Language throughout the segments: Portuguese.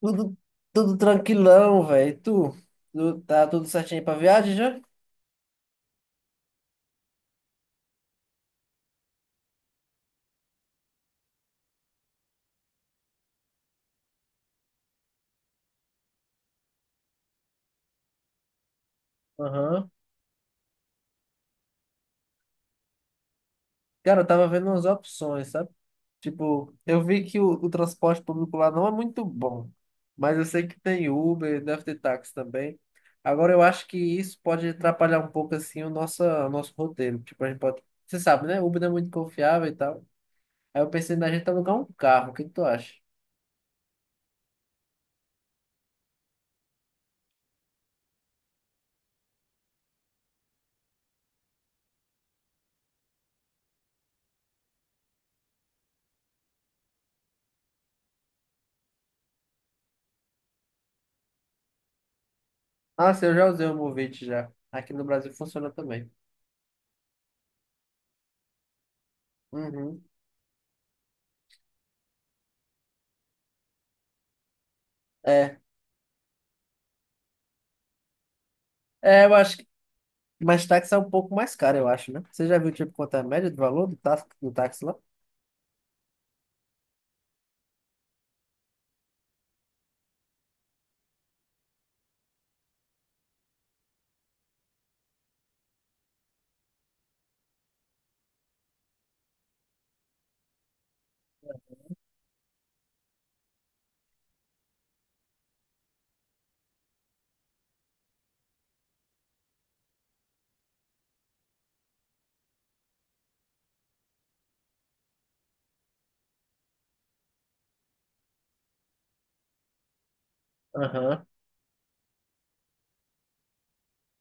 Tudo, tudo tranquilão, velho. Tá tudo certinho pra viagem já? Aham. Cara, eu tava vendo umas opções, sabe? Tipo, eu vi que o transporte público lá não é muito bom, mas eu sei que tem Uber, deve ter táxi também. Agora, eu acho que isso pode atrapalhar um pouco, assim, o nosso roteiro. Tipo, a gente pode... Você sabe, né? Uber não é muito confiável e tal. Aí eu pensei na gente alugar um carro. O que que tu acha? Ah, sim, eu já usei o Movit já. Aqui no Brasil funciona também. Uhum. É. É, eu acho, mas táxi é um pouco mais caro, eu acho, né? Você já viu, tipo, quanto é a média do valor do táxi lá? Aham.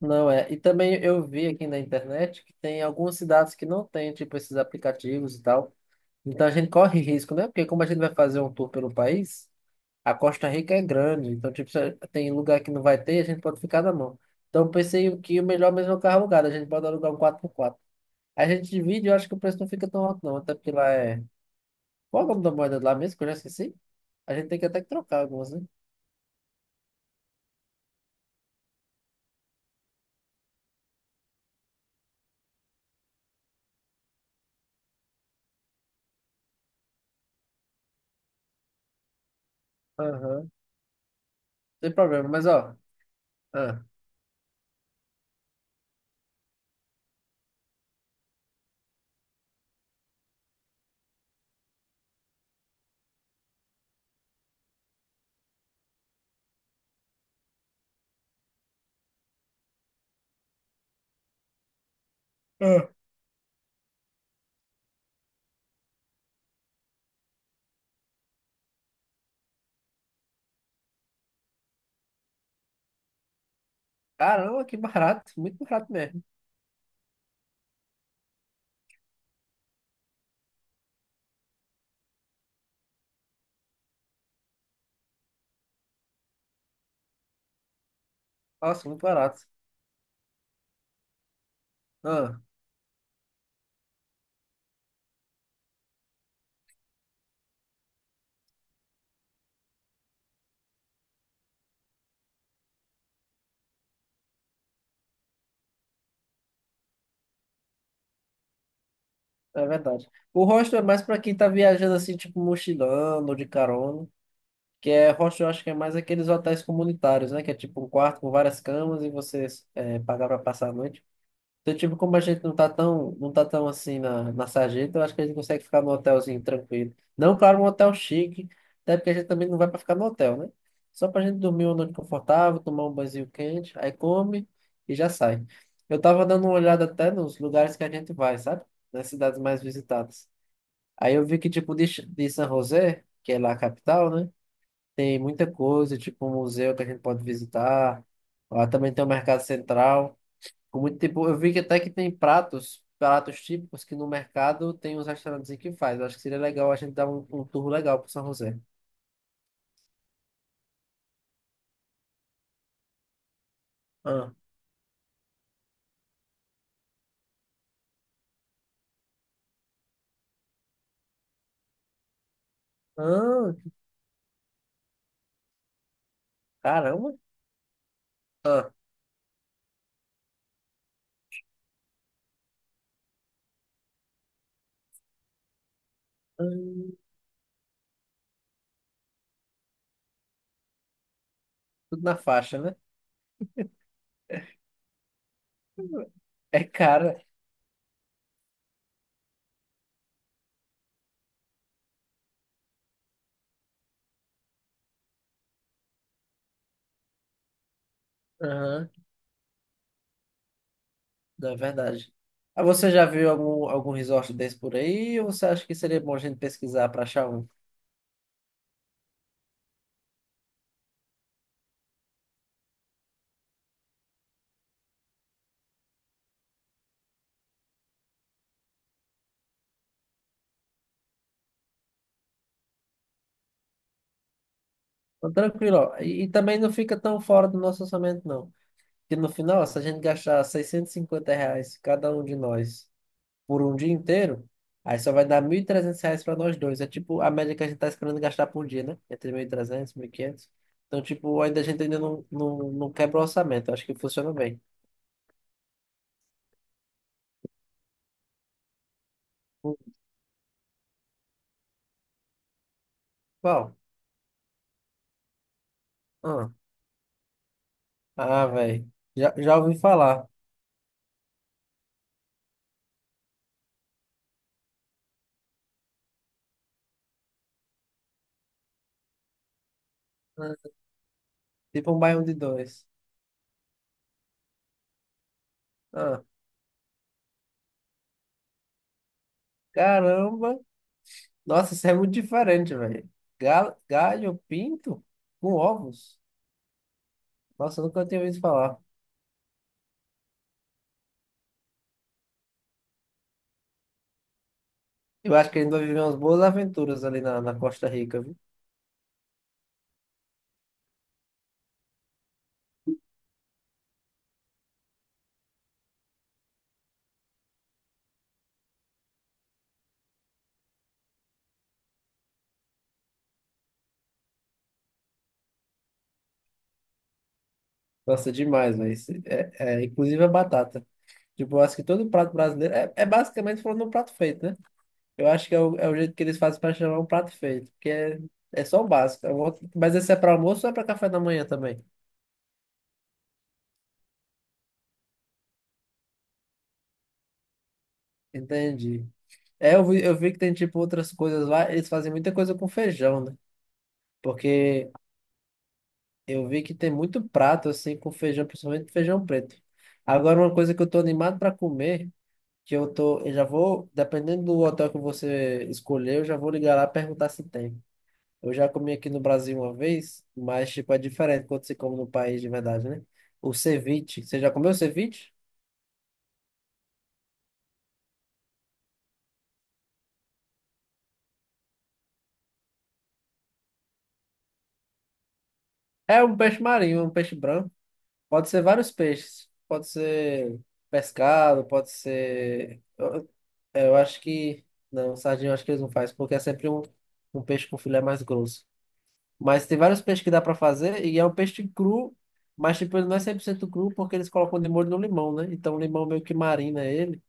Não é. E também eu vi aqui na internet que tem algumas cidades que não tem, tipo, esses aplicativos e tal. Então a gente corre risco, né? Porque como a gente vai fazer um tour pelo país, a Costa Rica é grande, então tipo, se tem lugar que não vai ter, a gente pode ficar na mão. Então eu pensei que o melhor mesmo é o carro alugado, a gente pode alugar um 4x4. A gente divide, eu acho que o preço não fica tão alto não, até porque lá é... Qual é o nome da moeda lá mesmo, que eu já esqueci? A gente tem que até que trocar algumas, né? Aham. Não tem problema, mas ó... ah, ah, caramba, que barato, muito barato mesmo. Nossa, muito barato. Ah, é verdade. O hostel é mais para quem tá viajando assim, tipo mochilando ou de carona. Que é hostel, eu acho que é mais aqueles hotéis comunitários, né? Que é tipo um quarto com várias camas e você pagar para passar a noite. Então, tipo, como a gente não tá tão assim na sarjeta, eu acho que a gente consegue ficar num hotelzinho tranquilo. Não, claro, um hotel chique, até porque a gente também não vai para ficar no hotel, né? Só pra gente dormir uma noite confortável, tomar um banhozinho quente, aí come e já sai. Eu tava dando uma olhada até nos lugares que a gente vai, sabe? Nas cidades mais visitadas. Aí eu vi que, tipo, de, de San José, que é lá a capital, né? Tem muita coisa, tipo um museu que a gente pode visitar. Lá também tem o mercado central. Com muito tipo, eu vi que até que tem pratos, pratos típicos que no mercado tem uns restaurantes que faz. Eu acho que seria legal a gente dar um tour legal pro São José. Ah, ah, caramba. Ah, ah, tudo na faixa, né? É cara. Aham, não, é verdade. Ah, você já viu algum resort desse por aí? Ou você acha que seria bom a gente pesquisar para achar um? Então, tranquilo, ó. E também não fica tão fora do nosso orçamento, não. Porque no final, se a gente gastar 650 reais cada um de nós por um dia inteiro, aí só vai dar 1.300 reais para nós dois. É tipo a média que a gente tá esperando gastar por dia, né? Entre 1.300 1.500. Então, tipo, ainda a gente ainda não quebra o orçamento. Acho que funciona bem. O- Qual? Ah, ah velho. Já ouvi falar. Ah, tipo um baião de dois. Ah, caramba. Nossa, isso é muito diferente, velho. Ga- Galho pinto com ovos? Nossa, eu nunca tinha ouvido falar. Eu acho que ele vai viver umas boas aventuras ali na Costa Rica, viu? Nossa, demais, velho. Isso. Inclusive a batata. Tipo, eu acho que todo prato brasileiro é basicamente falando um prato feito, né? Eu acho que é é o jeito que eles fazem para chamar um prato feito, é só o básico. É um outro- mas esse é para almoço ou é para café da manhã também? Entendi. É, eu vi que tem, tipo, outras coisas lá. Eles fazem muita coisa com feijão, né? Porque eu vi que tem muito prato assim com feijão, principalmente feijão preto. Agora, uma coisa que eu tô animado para comer, eu já vou, dependendo do hotel que você escolher, eu já vou ligar lá e perguntar se tem. Eu já comi aqui no Brasil uma vez, mas tipo é diferente quando você come no país de verdade, né? O ceviche, você já comeu ceviche? É um peixe marinho, um peixe branco. Pode ser vários peixes. Pode ser pescado, pode ser É, eu acho que. Não, sardinha eu acho que eles não fazem, porque é sempre um, um peixe com filé mais grosso. Mas tem vários peixes que dá pra fazer, e é um peixe cru, mas tipo, ele não é 100% cru, porque eles colocam de molho no limão, né? Então o limão meio que marina ele,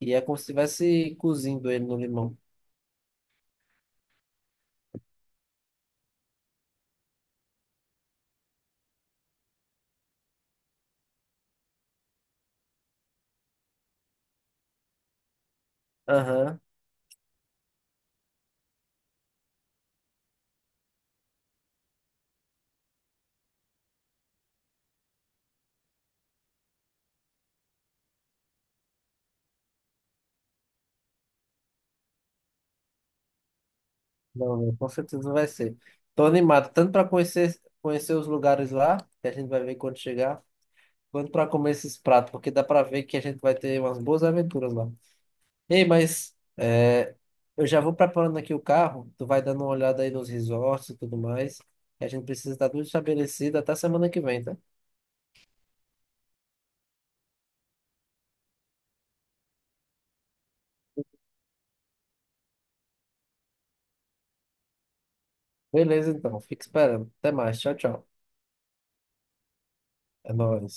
e é como se estivesse cozindo ele no limão. Aham. Não, não, com certeza não vai ser. Tô animado, tanto pra conhecer, conhecer os lugares lá, que a gente vai ver quando chegar, quanto pra comer esses pratos, porque dá pra ver que a gente vai ter umas boas aventuras lá. Ei, eu já vou preparando aqui o carro. Tu vai dando uma olhada aí nos resorts e tudo mais. E a gente precisa estar tudo estabelecido até semana que vem, tá? Beleza, então. Fica esperando. Até mais. Tchau, tchau. É nóis.